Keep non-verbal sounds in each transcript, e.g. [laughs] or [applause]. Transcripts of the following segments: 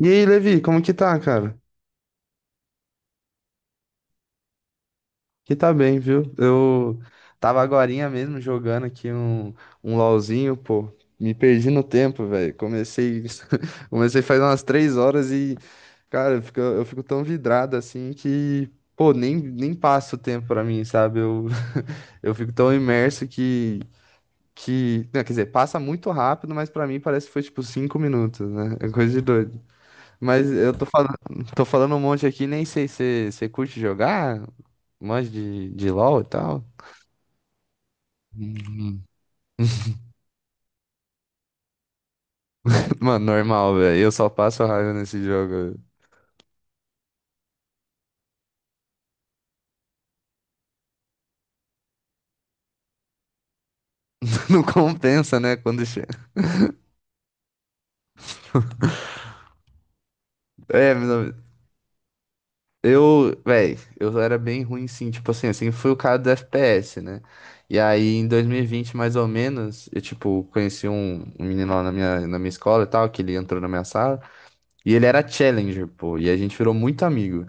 E aí, Levi, como que tá, cara? Que tá bem, viu? Eu tava agorinha mesmo jogando aqui um LOLzinho, pô. Me perdi no tempo, velho. [laughs] Comecei faz umas 3 horas e, cara, eu fico tão vidrado assim que, pô, nem passa o tempo pra mim, sabe? Eu, [laughs] eu fico tão imerso que, não, quer dizer, passa muito rápido, mas pra mim parece que foi tipo 5 minutos, né? É coisa de doido. Mas tô falando um monte aqui, nem sei se você curte jogar, manja de LoL e tal. Uhum. [laughs] Mano, normal, velho. Eu só passo raiva nesse jogo. [laughs] Não compensa, né? Quando chega. É, meu eu, velho, eu era bem ruim sim. Tipo assim, fui o cara do FPS, né? E aí, em 2020, mais ou menos, eu, tipo, conheci um menino lá na minha escola e tal, que ele entrou na minha sala. E ele era Challenger, pô. E a gente virou muito amigo.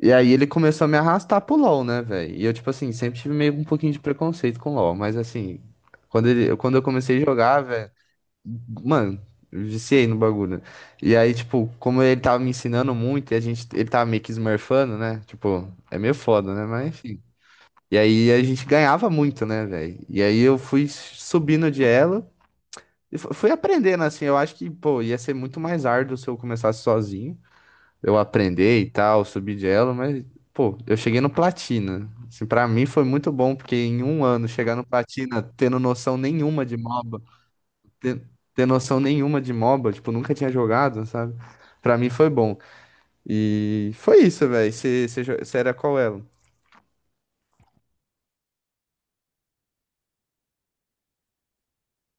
E aí ele começou a me arrastar pro LoL, né, velho? E eu, tipo assim, sempre tive meio um pouquinho de preconceito com LoL, mas assim, quando eu comecei a jogar, velho, mano, eu viciei no bagulho. E aí, tipo, como ele tava me ensinando muito e ele tava meio que smurfando, né? Tipo, é meio foda, né? Mas enfim. E aí a gente ganhava muito, né, velho? E aí eu fui subindo de elo e fui aprendendo, assim, eu acho que, pô, ia ser muito mais árduo se eu começasse sozinho eu aprender e tal, subir de elo, mas, pô, eu cheguei no platina. Assim, pra mim foi muito bom, porque em um ano chegar no platina, tendo noção nenhuma de MOBA, ter, ter noção nenhuma de MOBA, tipo, nunca tinha jogado, sabe? Pra mim foi bom. E foi isso, velho. Você era qual elo?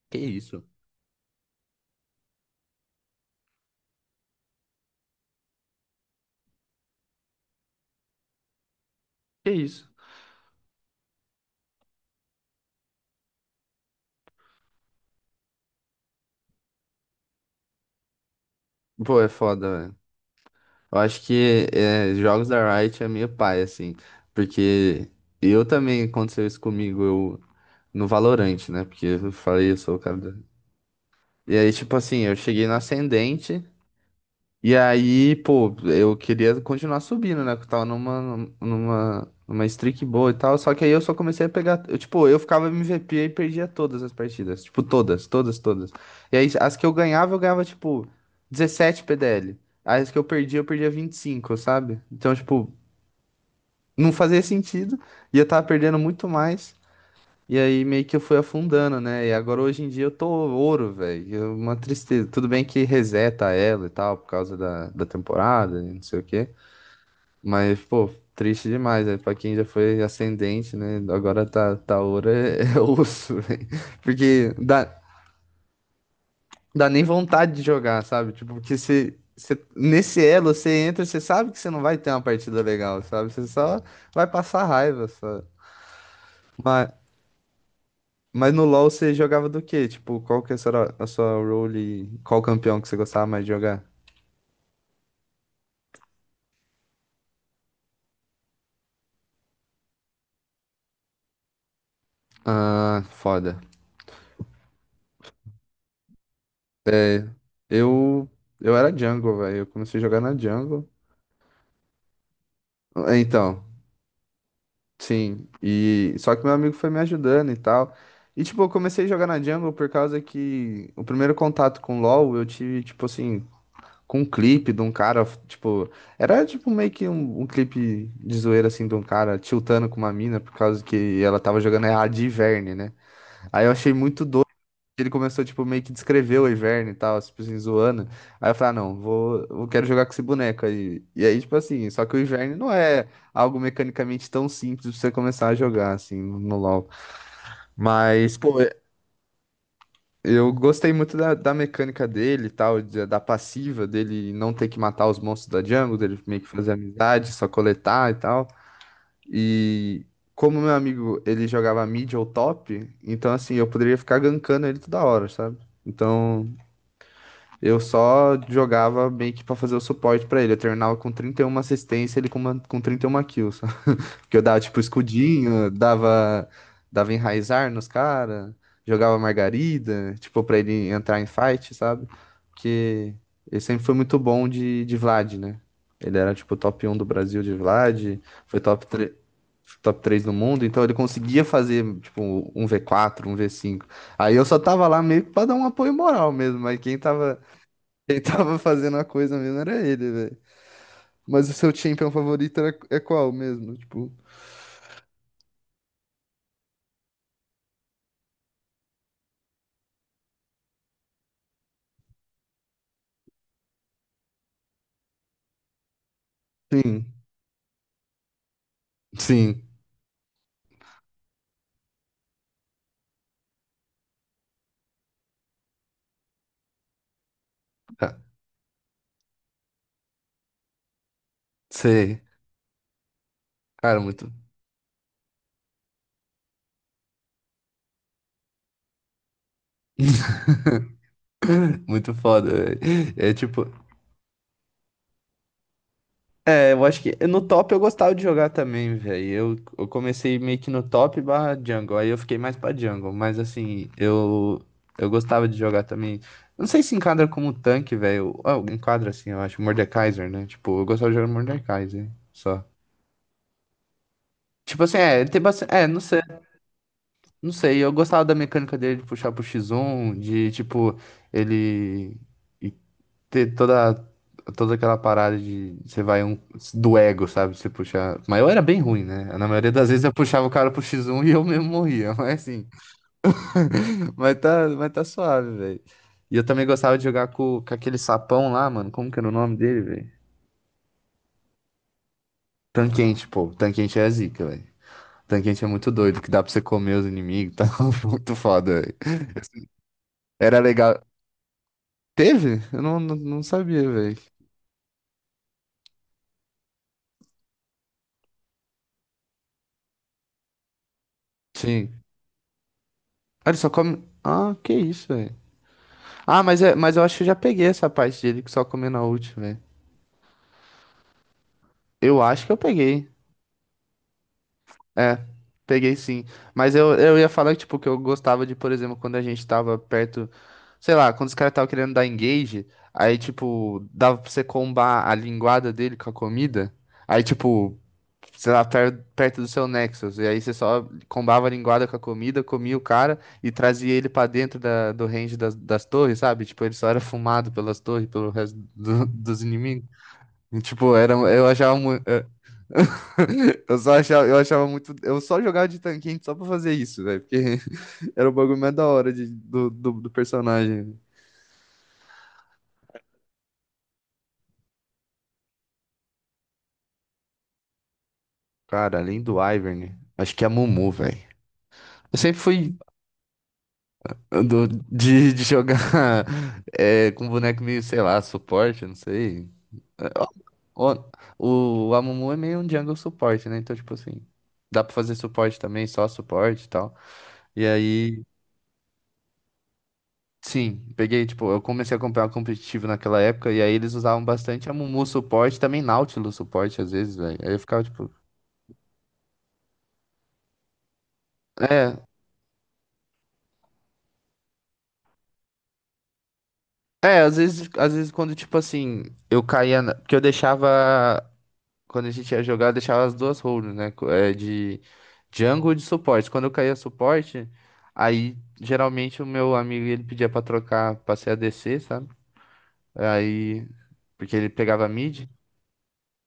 Que isso? Que isso? Pô, é foda, velho. Eu acho que é, jogos da Riot é meio pai, assim, porque eu também aconteceu isso comigo, eu no Valorant, né? Porque eu falei, eu sou o cara. E aí, tipo assim, eu cheguei no ascendente. E aí, pô, eu queria continuar subindo, né? Que eu tava numa streak boa e tal. Só que aí eu só comecei a pegar. Eu, tipo, eu ficava MVP e perdia todas as partidas. Tipo, todas, todas, todas. E aí, as que eu ganhava, tipo, 17 PDL. Aí as que eu perdia 25, sabe? Então, tipo, não fazia sentido. E eu tava perdendo muito mais. E aí meio que eu fui afundando, né? E agora hoje em dia eu tô ouro, velho. É uma tristeza. Tudo bem que reseta ela e tal, por causa da temporada e não sei o quê. Mas, pô, triste demais, né? Pra quem já foi ascendente, né? Agora tá ouro é, [laughs] é osso, velho. Porque dá nem vontade de jogar, sabe? Tipo, porque você, você, nesse elo você entra, você sabe que você não vai ter uma partida legal, sabe? Você só vai passar raiva, só. Mas, Mas no LoL você jogava do quê? Tipo, qual que era a sua role? E qual campeão que você gostava mais de jogar? Ah, foda. Eu, eu era jungle, velho. Eu comecei a jogar na jungle. Ah, então, sim. E só que meu amigo foi me ajudando e tal. E tipo, eu comecei a jogar na jungle por causa que o primeiro contato com LoL eu tive, tipo assim, com um clipe de um cara, tipo, era tipo meio que um clipe de zoeira assim de um cara tiltando com uma mina por causa que ela tava jogando errado de Ivern, né? Aí eu achei muito doido. Ele começou, tipo, meio que descrever o Ivern e tal, tipo assim, zoando. Aí eu falei, ah, não, eu quero jogar com esse boneco aí. E aí, tipo assim, só que o Ivern não é algo mecanicamente tão simples pra você começar a jogar, assim, no LoL. Mas, pô, eu gostei muito da, da mecânica dele e tal, da passiva dele não ter que matar os monstros da jungle, dele meio que fazer amizade, só coletar e tal. E como meu amigo, ele jogava mid ou top, então assim, eu poderia ficar gankando ele toda hora, sabe? Então, eu só jogava meio que pra fazer o suporte pra ele. Eu terminava com 31 assistência, ele com 31 kills. [laughs] Que eu dava, tipo, escudinho, dava enraizar nos caras, jogava margarida, tipo, pra ele entrar em fight, sabe? Porque ele sempre foi muito bom de Vlad, né? Ele era, tipo, top um do Brasil de Vlad, foi top 3, top 3 do mundo, então ele conseguia fazer, tipo, um v quatro, um v cinco. Aí eu só tava lá meio que pra dar um apoio moral mesmo, mas quem tava, [laughs] quem tava fazendo a coisa mesmo era ele, velho. Mas o seu champion favorito era, é qual mesmo? Tipo, sim. Sim, ah, sei. Cara, muito, [laughs] muito foda, velho. É tipo. É, eu acho que no top eu gostava de jogar também, velho. Eu comecei meio que no top barra jungle, aí eu fiquei mais pra jungle, mas assim, eu gostava de jogar também. Não sei se enquadra como tanque, velho. Ah, enquadra assim, eu acho. Mordekaiser, né? Tipo, eu gostava de jogar Mordekaiser, só. Tipo assim, é, tem bastante. É, não sei. Eu gostava da mecânica dele de puxar pro X1, de tipo, ele. Ter toda aquela parada de você vai um do ego, sabe? Você puxar. Mas eu era bem ruim, né? Na maioria das vezes eu puxava o cara pro X1 e eu mesmo morria, mas assim. [laughs] Mas tá suave, velho. E eu também gostava de jogar com aquele sapão lá, mano. Como que era o nome dele, velho? Tanquente, pô. Tanquente é zica, velho. Tanquente é muito doido, que dá pra você comer os inimigos e tal. [laughs] Muito foda, velho. Era legal. Teve? Eu não sabia, velho. Sim. Ah, ele só come. Ah, que isso, velho. Ah, mas, é, mas eu acho que eu já peguei essa parte dele que só comeu na última, velho. Eu acho que eu peguei. É, peguei sim. Mas eu ia falar, tipo, que eu gostava de, por exemplo, quando a gente tava perto, sei lá, quando os caras estavam querendo dar engage, aí, tipo, dava pra você combar a linguada dele com a comida. Aí, tipo, sei lá, perto do seu Nexus. E aí você só combava a linguada com a comida, comia o cara e trazia ele pra dentro da, do range das torres, sabe? Tipo, ele só era fumado pelas torres, pelo resto dos inimigos. Tipo, era, eu achava muito. [laughs] Eu só achava, eu achava muito. Eu só jogava de tanquinho só pra fazer isso, velho. Porque [laughs] era o bagulho mais da hora do, do personagem. Cara, além do Ivern, acho que é a Mumu, velho. Eu sempre fui de jogar [laughs] é, com boneco meio, sei lá, suporte, não sei. É, ó, O, a Mumu é meio um jungle suporte, né? Então, tipo assim, dá pra fazer suporte também, só suporte e tal. E aí. Sim, peguei, tipo, eu comecei a comprar competitivo naquela época e aí eles usavam bastante a Mumu suporte, também Nautilus suporte às vezes, velho. Aí eu ficava tipo, é, é, às vezes, quando tipo assim, eu caía, porque eu deixava quando a gente ia jogar, eu deixava as duas roles, né, é, de jungle e de suporte. Quando eu caía suporte, aí geralmente o meu amigo ele pedia pra trocar, pra ser ADC, sabe? Aí porque ele pegava mid,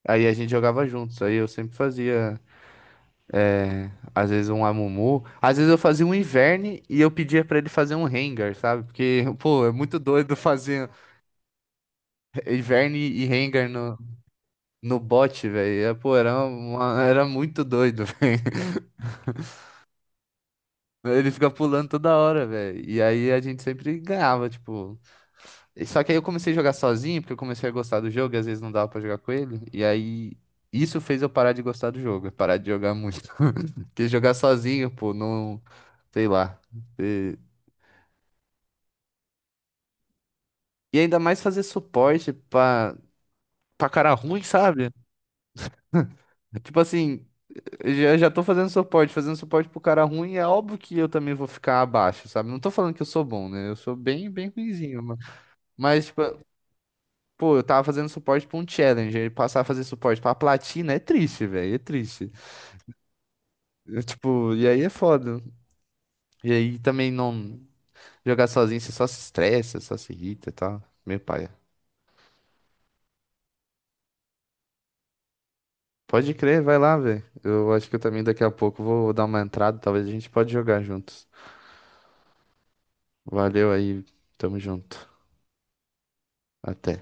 aí a gente jogava juntos. Aí eu sempre fazia né? Às vezes um Amumu. Às vezes eu fazia um Ivern e eu pedia pra ele fazer um Rengar, sabe? Porque, [laughs] pô, é muito doido fazer Ivern e Rengar no bot, velho. É, pô, era, era muito doido, [laughs] velho. Ele fica pulando toda hora, velho. E aí a gente sempre ganhava, tipo. Só que aí eu comecei a jogar sozinho, porque eu comecei a gostar do jogo e às vezes não dava pra jogar com ele. E aí. Isso fez eu parar de gostar do jogo, parar de jogar muito. [laughs] Porque jogar sozinho, pô, não. Sei lá. E ainda mais fazer suporte pra cara ruim, sabe? Tipo assim, eu já tô fazendo suporte pro cara ruim, é óbvio que eu também vou ficar abaixo, sabe? Não tô falando que eu sou bom, né? Eu sou bem ruinzinho, mas, tipo, pô, eu tava fazendo suporte pra um Challenger e passar a fazer suporte pra platina é triste, velho, é triste. Eu, tipo, e aí é foda. E aí também não jogar sozinho, você só se estressa, só se irrita e tal. Meu pai. Pode crer, vai lá, velho. Eu acho que eu também daqui a pouco vou dar uma entrada, talvez a gente pode jogar juntos. Valeu aí, tamo junto. Até.